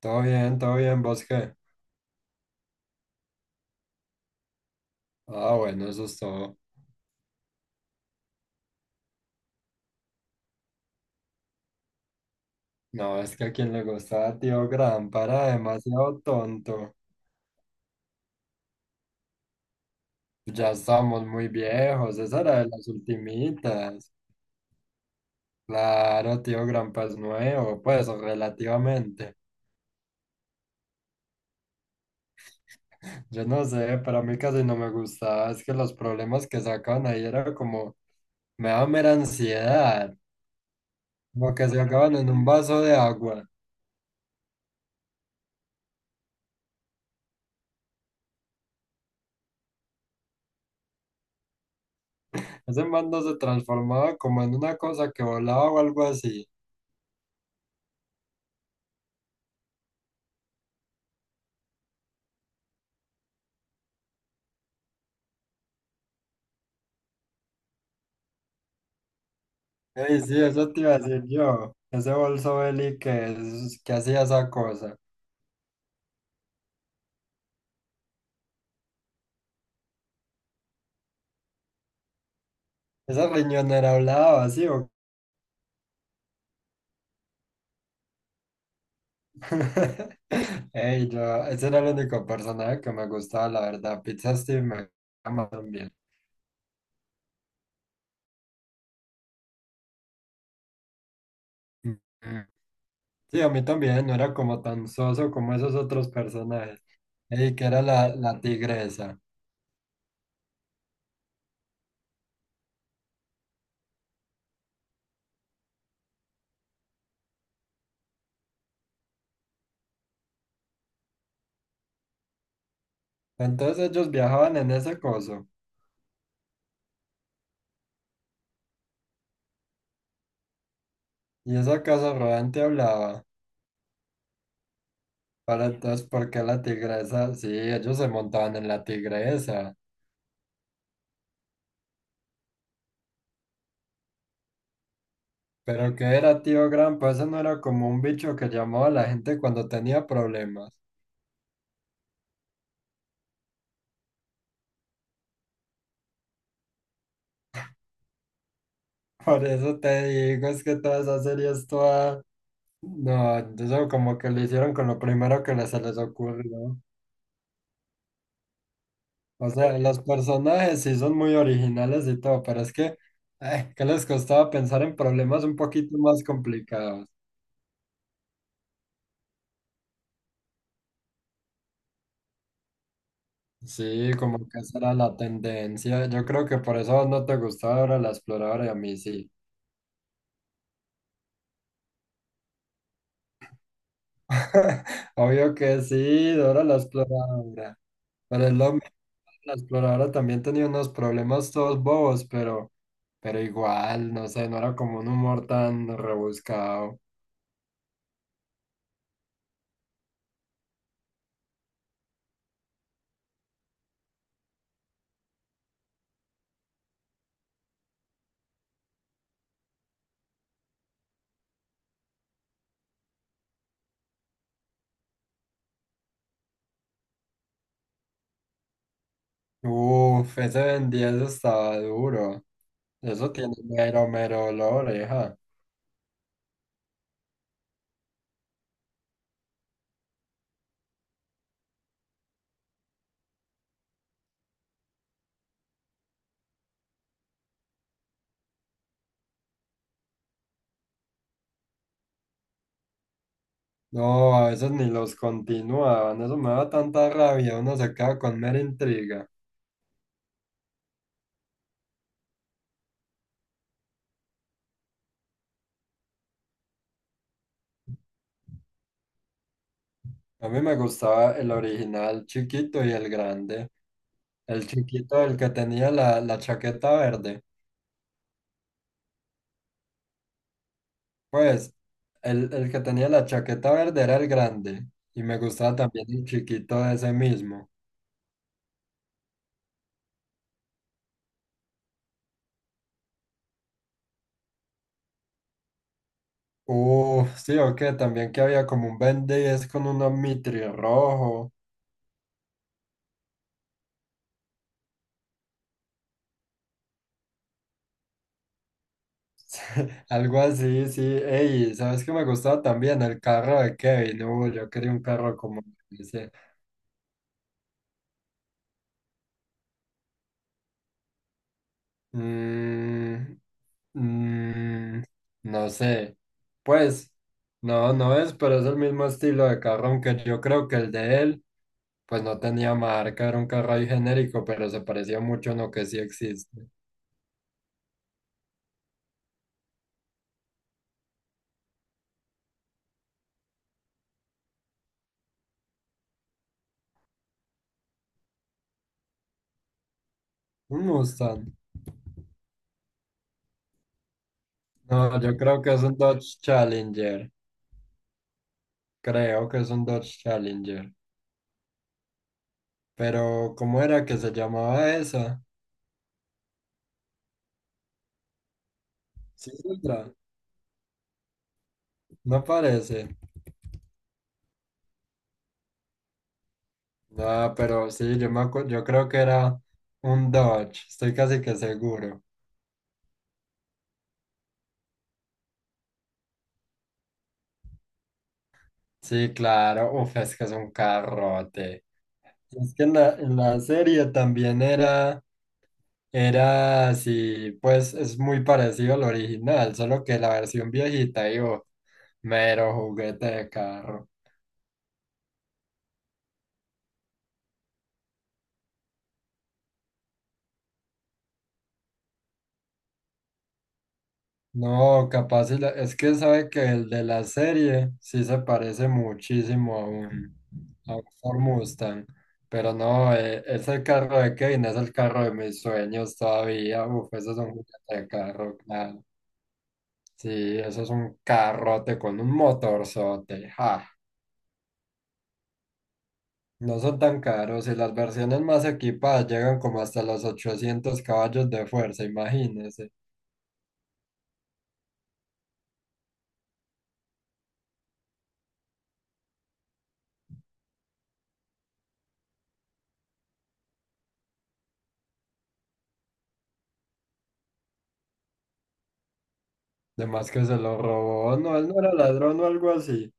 Todo bien, ¿vos qué? Ah, bueno, eso es todo. No, es que a quien le gustaba Tío Grampa era demasiado tonto. Ya estamos muy viejos, esa era de las ultimitas. Claro, Tío Grampa es nuevo, pues, o relativamente. Yo no sé, pero a mí casi no me gustaba, es que los problemas que sacaban ahí era como, me daba mera ansiedad, como que se acaban en un vaso de agua. Ese man no se transformaba como en una cosa que volaba o algo así. Ey, sí, eso te iba a decir yo. Ese bolso Beli que, es- que hacía esa cosa. Esa riñonera hablaba así. O- ¿qué? Ey, yo, ese era el único personaje que me gustaba, la verdad. Pizza Steve me ama también. Mm. Sí, a mí también, no era como tan soso como esos otros personajes. Ey, que era la tigresa. Entonces ellos viajaban en ese coso. Y esa casa rodante hablaba. Para entonces, ¿por qué la tigresa? Sí, ellos se montaban en la tigresa. Pero el que era tío Grampa, eso no era como un bicho que llamaba a la gente cuando tenía problemas. Por eso te digo, es que toda esa serie es toda... No, eso como que lo hicieron con lo primero que les- se les ocurrió. O sea, los personajes sí son muy originales y todo, pero es que, ¿qué les costaba pensar en problemas un poquito más complicados? Sí, como que esa era la tendencia. Yo creo que por eso no te gustaba ahora la exploradora y a mí sí. Obvio que sí, Dora la exploradora. Pero es lo mismo, la exploradora también tenía unos problemas todos bobos, pero igual, no sé, no era como un humor tan rebuscado. Uf, ese Ben 10 estaba duro. Eso tiene mero, mero olor, oreja. No, a veces ni los continuaban. Eso me da tanta rabia, uno se queda con mera intriga. A mí me gustaba el original chiquito y el grande. El chiquito, el que tenía la chaqueta verde. Pues el que tenía la chaqueta verde era el grande y me gustaba también el chiquito de ese mismo. Sí, o que también que había como un Ben 10 con un Omnitri rojo, algo así, sí. Ey, ¿sabes qué me gustaba también? El carro de Kevin. Yo quería un carro como ese. Mm, mm, no sé. Pues, no, no es, pero es el mismo estilo de carro, aunque yo creo que el de él pues no tenía marca, era un carro ahí genérico, pero se parecía mucho a lo que sí existe. Un Mustang. No, yo creo que es un Dodge Challenger. Creo que es un Dodge Challenger. Pero, ¿cómo era que se llamaba esa? Sí, otra. No parece. Ah, pero sí, yo me acu- yo creo que era un Dodge, estoy casi que seguro. Sí, claro, uf, es que es un carrote. Es que en la serie también era. Era así, pues es muy parecido al original, solo que la versión viejita, digo, mero juguete de carro. No, capaz, y la- es que sabe que el de la serie sí se parece muchísimo a un Ford Mustang, pero no, ese carro de Kevin es el carro de mis sueños todavía, uf, eso es un juguete de carro, claro. Sí, eso es un carrote con un motorzote, ja. No son tan caros y las versiones más equipadas llegan como hasta los 800 caballos de fuerza, imagínese. Además que se lo robó, no, él no era ladrón o algo así.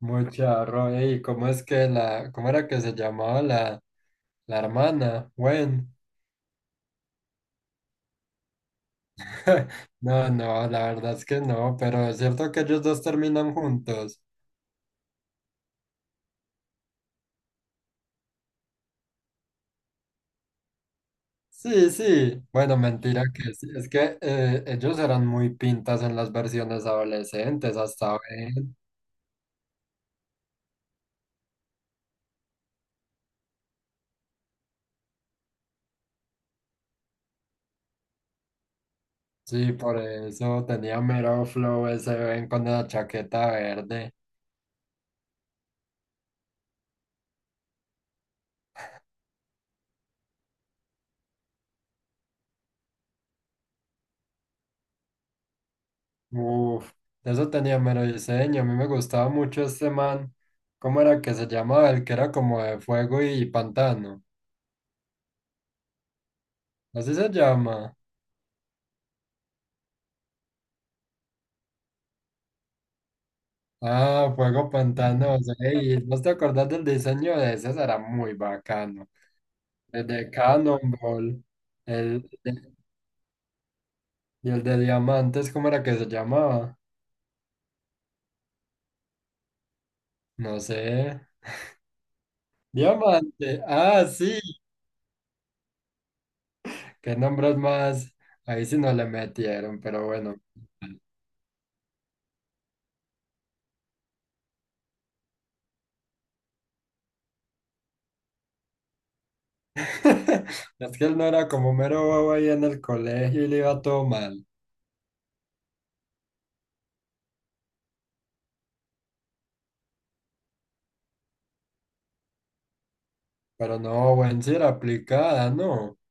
Muy charro, ey, ¿cómo es que la, cómo era que se llamaba la, la hermana? Gwen. No, no, la verdad es que no, pero es cierto que ellos dos terminan juntos. Sí, sí. Bueno, mentira que sí. Es que ellos eran muy pintas en las versiones adolescentes, hasta hoy. Sí, por eso tenía mero flow ese Ben con la chaqueta verde. Uf, eso tenía mero diseño. A mí me gustaba mucho este man. ¿Cómo era que se llamaba? El que era como de fuego y pantano. Así se llama. Ah, fuego pantano. Sí, ¿no te acordás del diseño de ese? Ese era muy bacano. El de Cannonball. El de- y el de diamantes, ¿cómo era que se llamaba? No sé. Diamante. Ah, sí. ¿Qué nombres más? Ahí sí no le metieron, pero bueno. Es que él no era como mero bobo ahí en el colegio y le iba todo mal. Pero no, buen sí era aplicada, ¿no?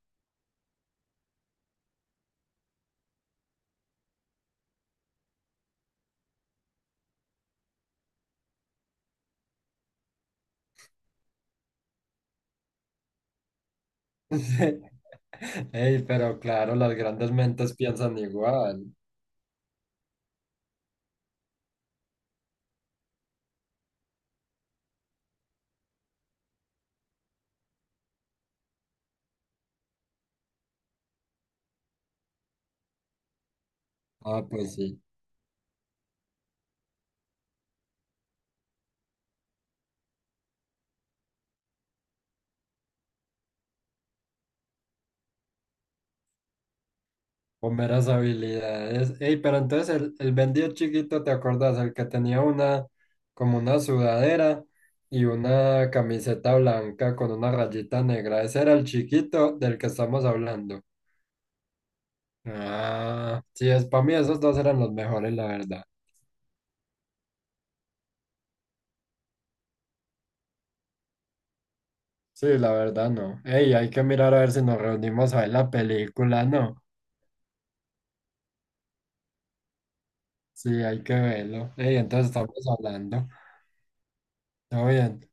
Sí. Ey, pero claro, las grandes mentes piensan igual. Ah, pues sí. Con veras habilidades. Ey, pero entonces el vendido chiquito, ¿te acordás? El que tenía una, como una sudadera y una camiseta blanca con una rayita negra. Ese era el chiquito del que estamos hablando. Ah, sí, es para mí esos dos eran los mejores, la verdad. Sí, la verdad no. Ey, hay que mirar a ver si nos reunimos a ver la película, ¿no? Sí, hay que verlo. Ey, entonces estamos hablando. Todo bien.